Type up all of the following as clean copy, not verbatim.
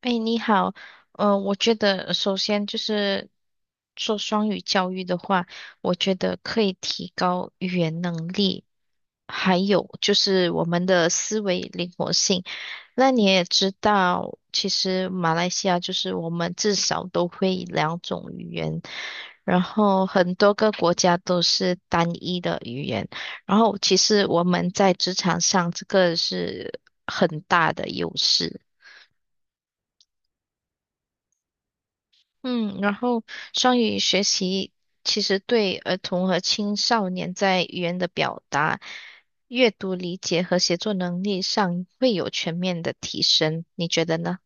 哎，你好，我觉得首先就是做双语教育的话，我觉得可以提高语言能力，还有就是我们的思维灵活性。那你也知道，其实马来西亚就是我们至少都会两种语言，然后很多个国家都是单一的语言，然后其实我们在职场上这个是很大的优势。嗯，然后双语学习其实对儿童和青少年在语言的表达、阅读理解和写作能力上会有全面的提升，你觉得呢？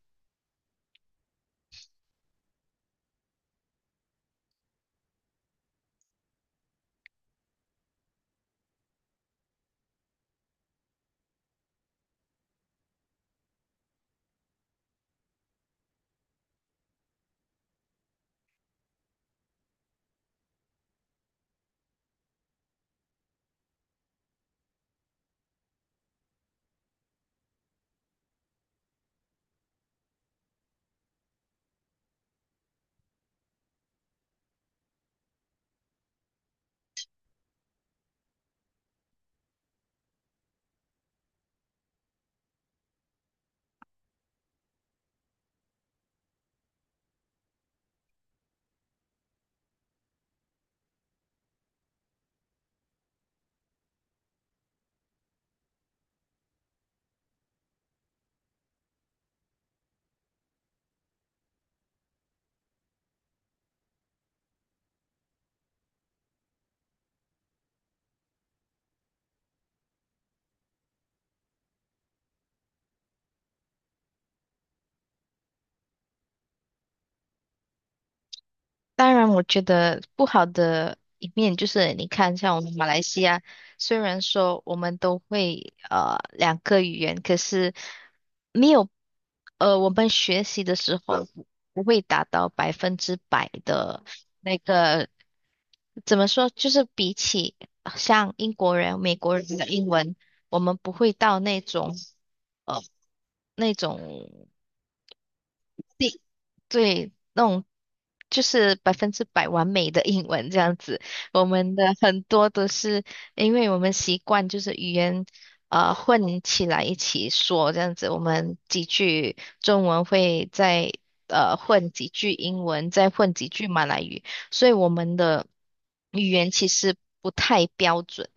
当然，我觉得不好的一面就是你看，像我们马来西亚，虽然说我们都会两个语言，可是没有我们学习的时候不会达到百分之百的。那个怎么说？就是比起像英国人、美国人的英文，我们不会到那种呃那种地对那种就是百分之百完美的英文这样子。我们的很多都是因为我们习惯就是语言混起来一起说这样子，我们几句中文会再混几句英文，再混几句马来语，所以我们的语言其实不太标准。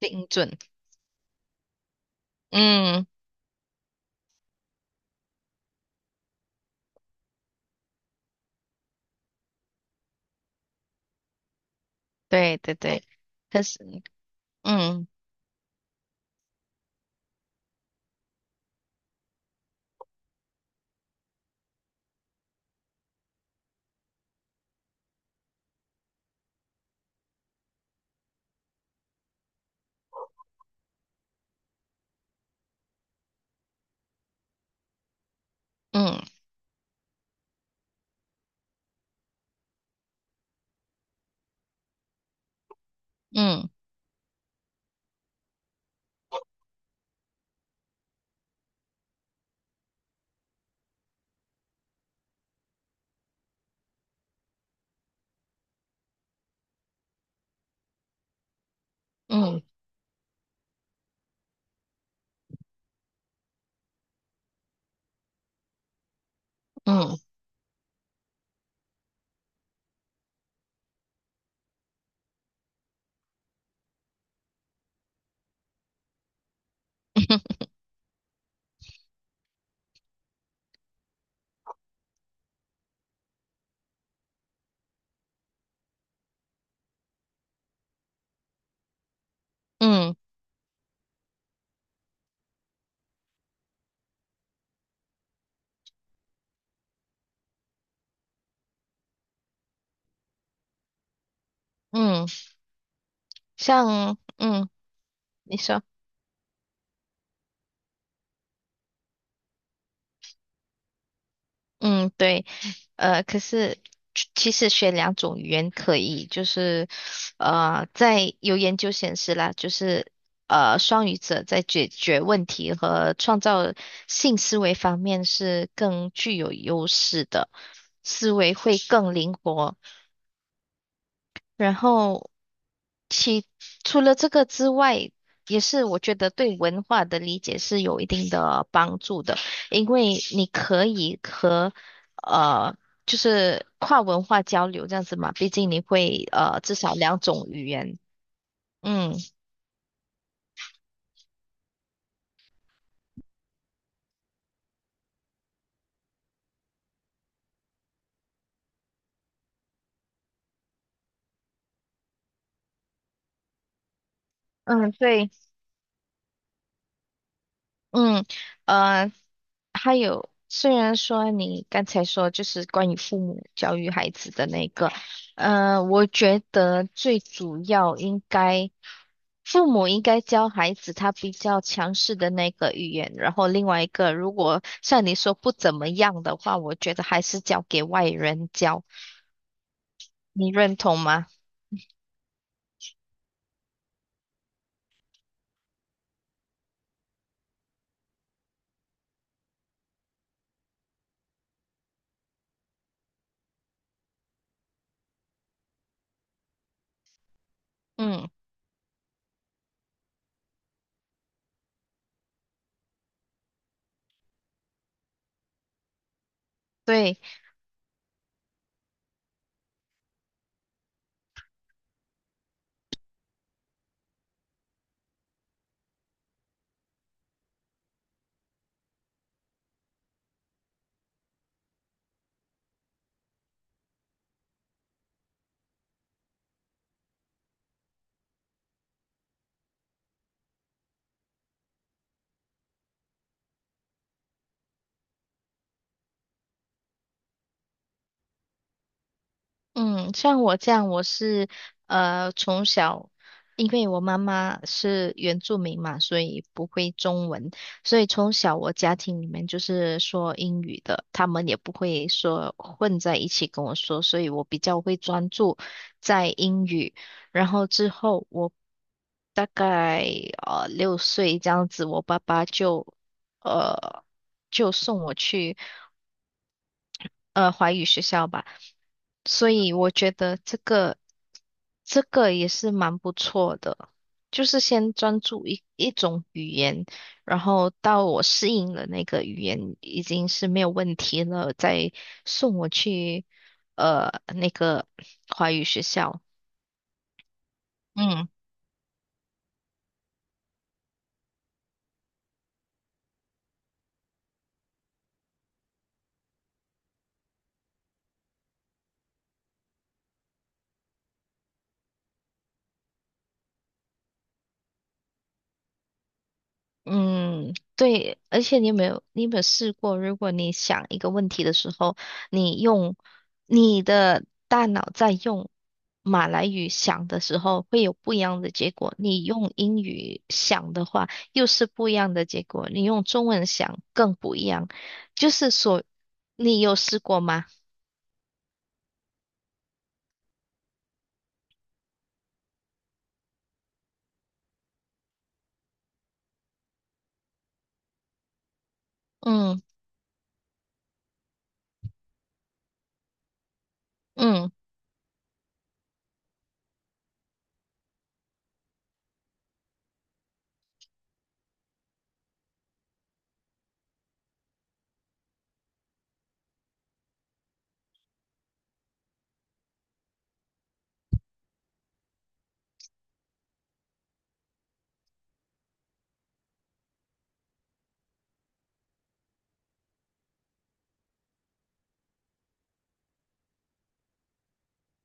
精准，嗯，对对对，可是，嗯嗯嗯嗯嗯 嗯嗯，像，嗯，你说，嗯，对，可是其实学两种语言可以，就是，在有研究显示啦，就是双语者在解决问题和创造性思维方面是更具有优势的，思维会更灵活。然后除了这个之外，也是我觉得对文化的理解是有一定的帮助的，因为你可以和呃，就是跨文化交流这样子嘛，毕竟你会至少两种语言。嗯嗯，对，嗯呃，还有，虽然说你刚才说就是关于父母教育孩子的那个，我觉得最主要应该。父母应该教孩子他比较强势的那个语言，然后另外一个，如果像你说不怎么样的话，我觉得还是交给外人教，你认同吗？嗯，对。嗯，像我这样，我是从小，因为我妈妈是原住民嘛，所以不会中文，所以从小我家庭里面就是说英语的，他们也不会说混在一起跟我说，所以我比较会专注在英语。然后之后我大概六岁这样子，我爸爸呃就送我去，华语学校吧，所以我觉得这个也是蛮不错的，就是先专注一种语言，然后到我适应了那个语言已经是没有问题了，再送我去那个华语学校。嗯。嗯，对，而且你有没有，你有没有试过，如果你想一个问题的时候，你用你的大脑在用马来语想的时候，会有不一样的结果；你用英语想的话，又是不一样的结果；你用中文想更不一样。就是说，你有试过吗？嗯嗯。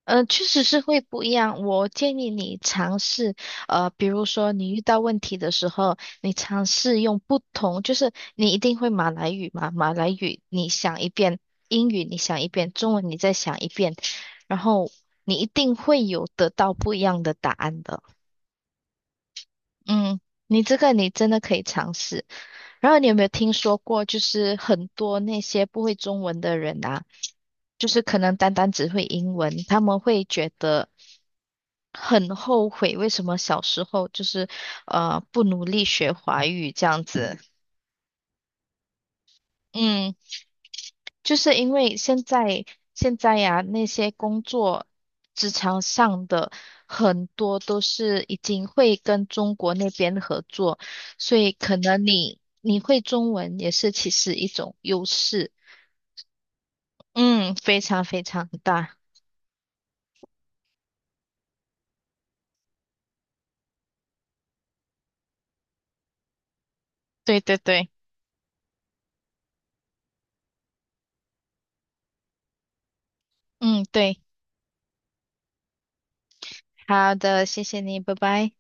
确实是会不一样。我建议你尝试，比如说你遇到问题的时候，你尝试用不同，就是你一定会马来语嘛，马来语你想一遍，英语你想一遍，中文你再想一遍，然后你一定会有得到不一样的答案的。嗯，你这个你真的可以尝试。然后你有没有听说过，就是很多那些不会中文的人啊，就是可能单单只会英文，他们会觉得很后悔，为什么小时候就是不努力学华语这样子。嗯。就是因为现在呀、那些工作职场上的很多都是已经会跟中国那边合作，所以可能你会中文也是其实一种优势，嗯，非常非常大，对对对，嗯对，好的，谢谢你，拜拜。